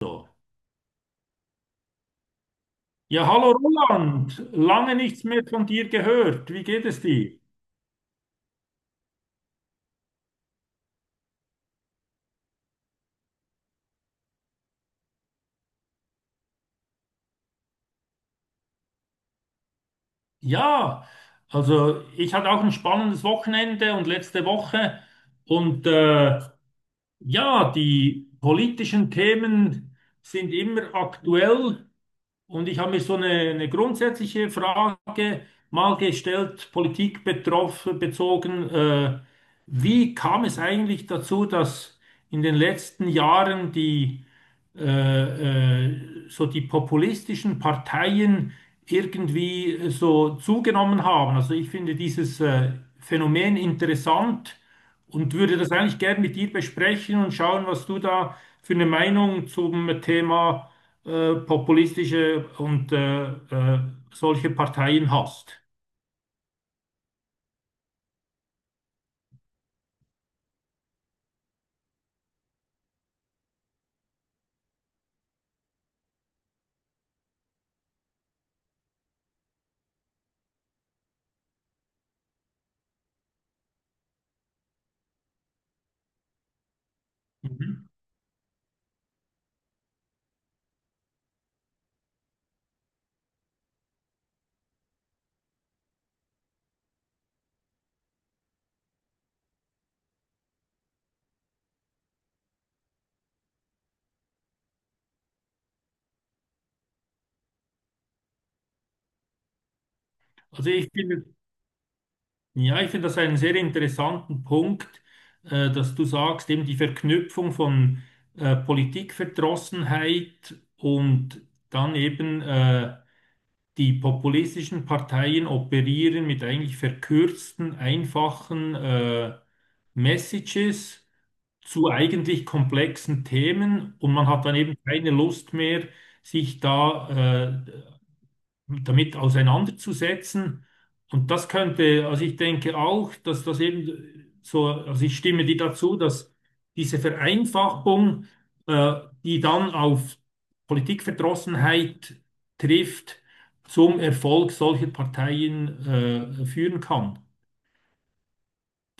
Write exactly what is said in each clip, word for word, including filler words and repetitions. So. Ja, hallo Roland, lange nichts mehr von dir gehört. Wie geht es dir? Ja, also ich hatte auch ein spannendes Wochenende und letzte Woche und äh, ja, die politischen Themen sind immer aktuell. Und ich habe mir so eine, eine grundsätzliche Frage mal gestellt, Politik betroffen, bezogen. Äh, wie kam es eigentlich dazu, dass in den letzten Jahren die, äh, äh, so die populistischen Parteien irgendwie so zugenommen haben? Also ich finde dieses äh, Phänomen interessant und würde das eigentlich gern mit dir besprechen und schauen, was du da für eine Meinung zum Thema äh, populistische und äh, äh, solche Parteien hast. Mhm. Also ich finde, ja, ich finde das einen sehr interessanten Punkt, äh, dass du sagst, eben die Verknüpfung von äh, Politikverdrossenheit und dann eben äh, die populistischen Parteien operieren mit eigentlich verkürzten, einfachen äh, Messages zu eigentlich komplexen Themen, und man hat dann eben keine Lust mehr, sich da äh, damit auseinanderzusetzen. Und das könnte, also ich denke auch, dass das eben so, also ich stimme dir dazu, dass diese Vereinfachung, äh, die dann auf Politikverdrossenheit trifft, zum Erfolg solcher Parteien, äh, führen kann.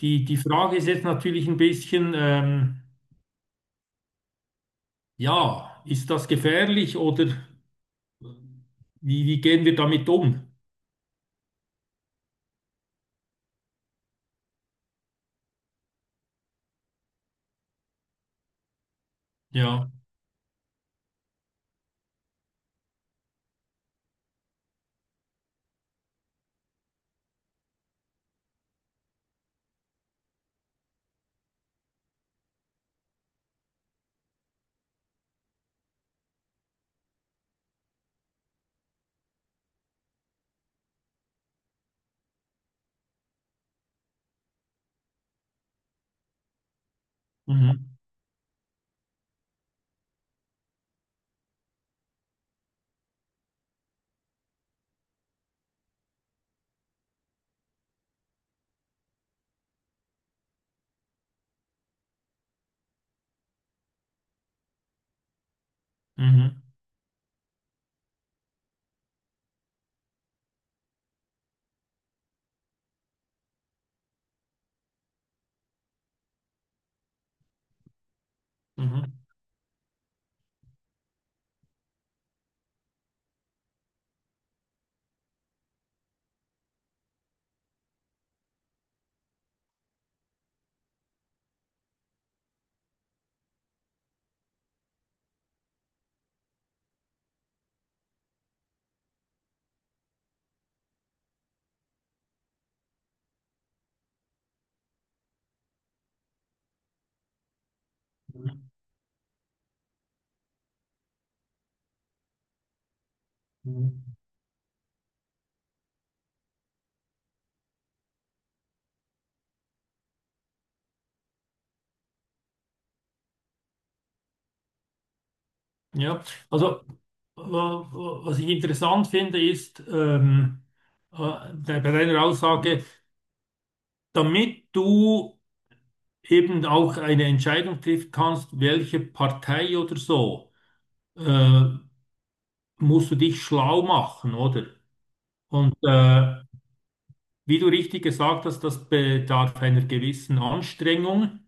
Die, die Frage ist jetzt natürlich ein bisschen, ähm, ja, ist das gefährlich oder wie, wie gehen wir damit um? Ja. Mhm. Mhm. Mhm. Mhm. Mhm. Ja, also wa- was ich interessant finde, ist ähm, äh, de- bei deiner Aussage, damit du eben auch eine Entscheidung treffen kannst, welche Partei oder so, äh, musst du dich schlau machen, oder? Und äh, wie du richtig gesagt hast, das bedarf einer gewissen Anstrengung,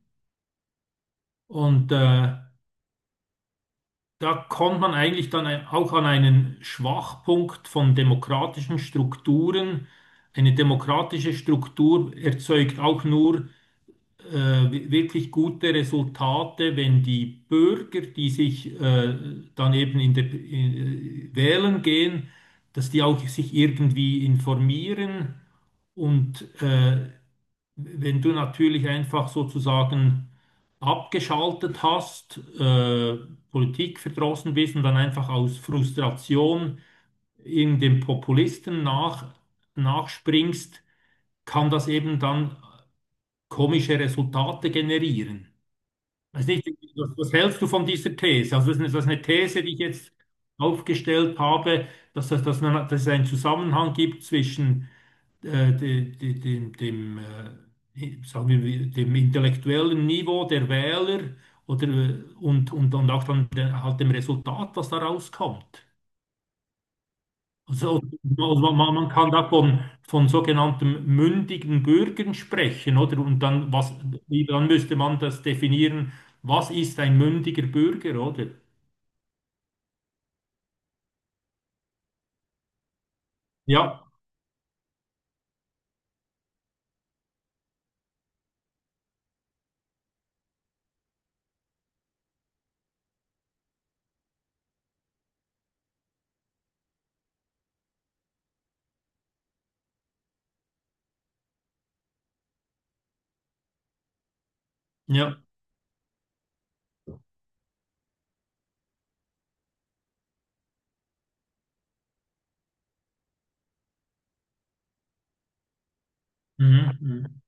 und äh, da kommt man eigentlich dann ein- auch an einen Schwachpunkt von demokratischen Strukturen. Eine demokratische Struktur erzeugt auch nur äh, wi- wirklich gute Resultate, wenn die Bürger, die sich äh, dann eben in der, in, äh, wählen gehen, dass die auch sich irgendwie informieren. Und äh, wenn du natürlich einfach sozusagen abgeschaltet hast, äh, Politik verdrossen bist und dann einfach aus Frustration in dem Populisten nach, nachspringst, kann das eben dann komische Resultate generieren. Weiß nicht, was, was hältst du von dieser These? Also das ist eine, das ist eine These, die ich jetzt aufgestellt habe, dass, dass, dass, man, dass es einen Zusammenhang gibt zwischen äh, de, de, dem, dem, äh, sagen wir, dem intellektuellen Niveau der Wähler oder, äh, und, und, und auch dann der, halt dem Resultat, was da rauskommt. Also, also man, man kann da von, von sogenannten mündigen Bürgern sprechen, oder? Und dann, was, dann müsste man das definieren, was ist ein mündiger Bürger, oder? Ja, ja. Mhm. Mhm.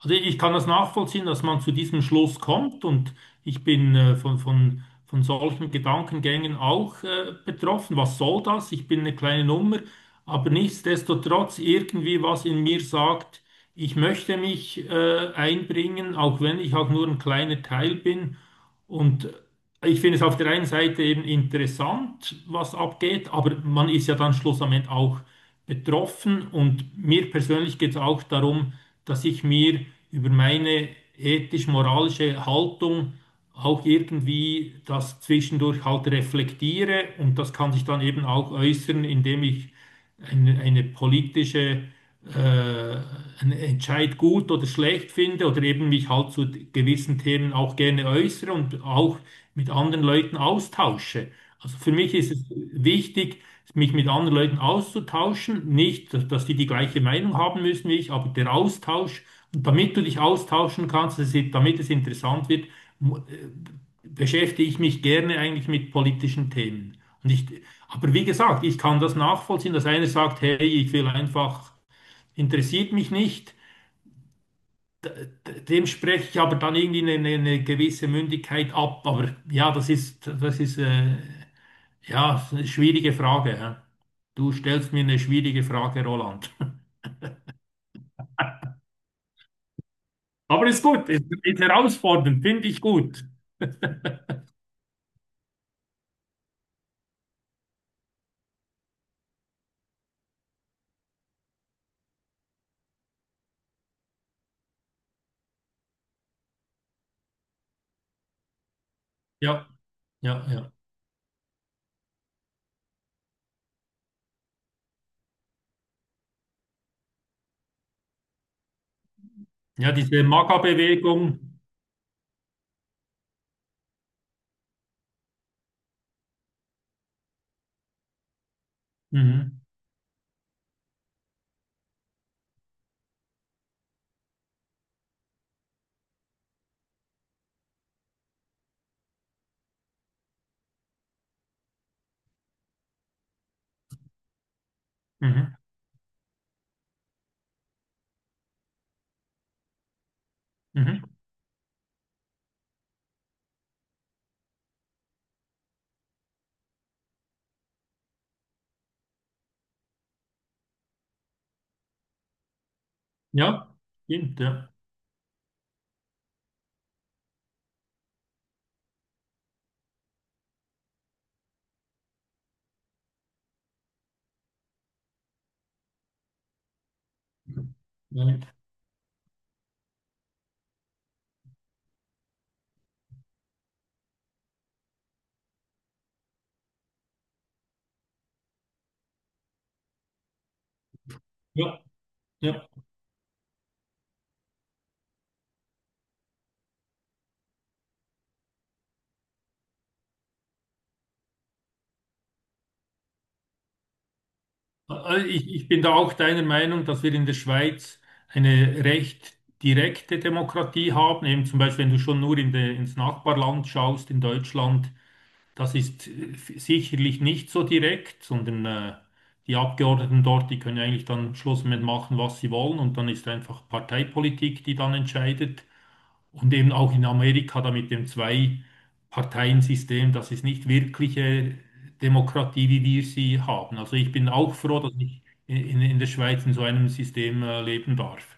Also ich kann das nachvollziehen, dass man zu diesem Schluss kommt, und ich bin äh, von, von, von solchen Gedankengängen auch äh, betroffen. Was soll das? Ich bin eine kleine Nummer, aber nichtsdestotrotz irgendwie was in mir sagt, ich möchte mich äh, einbringen, auch wenn ich auch nur ein kleiner Teil bin. Und ich finde es auf der einen Seite eben interessant, was abgeht, aber man ist ja dann schlussendlich auch betroffen. Und mir persönlich geht es auch darum, dass ich mir über meine ethisch-moralische Haltung auch irgendwie das zwischendurch halt reflektiere. Und das kann sich dann eben auch äußern, indem ich eine, eine politische, äh, einen Entscheid gut oder schlecht finde oder eben mich halt zu gewissen Themen auch gerne äußere und auch mit anderen Leuten austausche. Also für mich ist es wichtig, mich mit anderen Leuten auszutauschen, nicht, dass dass die die gleiche Meinung haben müssen wie ich, aber der Austausch, und damit du dich austauschen kannst, dass es- damit es interessant wird, mu- äh, beschäftige ich mich gerne eigentlich mit politischen Themen. Und ich, aber wie gesagt, ich kann das nachvollziehen, dass einer sagt, hey, ich will einfach, interessiert mich nicht. Dem spreche ich aber dann irgendwie eine, eine gewisse Mündigkeit ab. Aber ja, das ist, das ist, äh, ja, eine schwierige Frage. Hä? Du stellst mir eine schwierige Frage, Roland. Aber ist gut, ist, ist herausfordernd, finde ich gut. Ja, ja, ja. Ja, diese MAGA-Bewegung. Mhm, mhm, mhm. Ja, stimmt, ja. Nein. Ja, ja. Also Ich, ich bin da auch deiner Meinung, dass wir in der Schweiz eine recht direkte Demokratie haben. Eben zum Beispiel, wenn du schon nur in de, ins Nachbarland schaust, in Deutschland, das ist äh, sicherlich nicht so direkt, sondern äh, die Abgeordneten dort, die können eigentlich dann am Schluss mit machen, was sie wollen, und dann ist einfach Parteipolitik, die dann entscheidet. Und eben auch in Amerika da mit dem Zwei-Parteien-System, das ist nicht wirkliche Demokratie, wie wir sie haben. Also ich bin auch froh, dass ich in, in der Schweiz in so einem System äh, leben darf.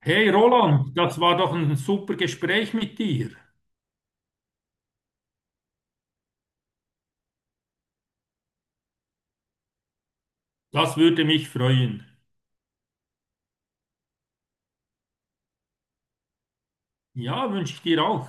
Hey Roland, das war doch ein super Gespräch mit dir. Das würde mich freuen. Ja, wünsche ich dir auch.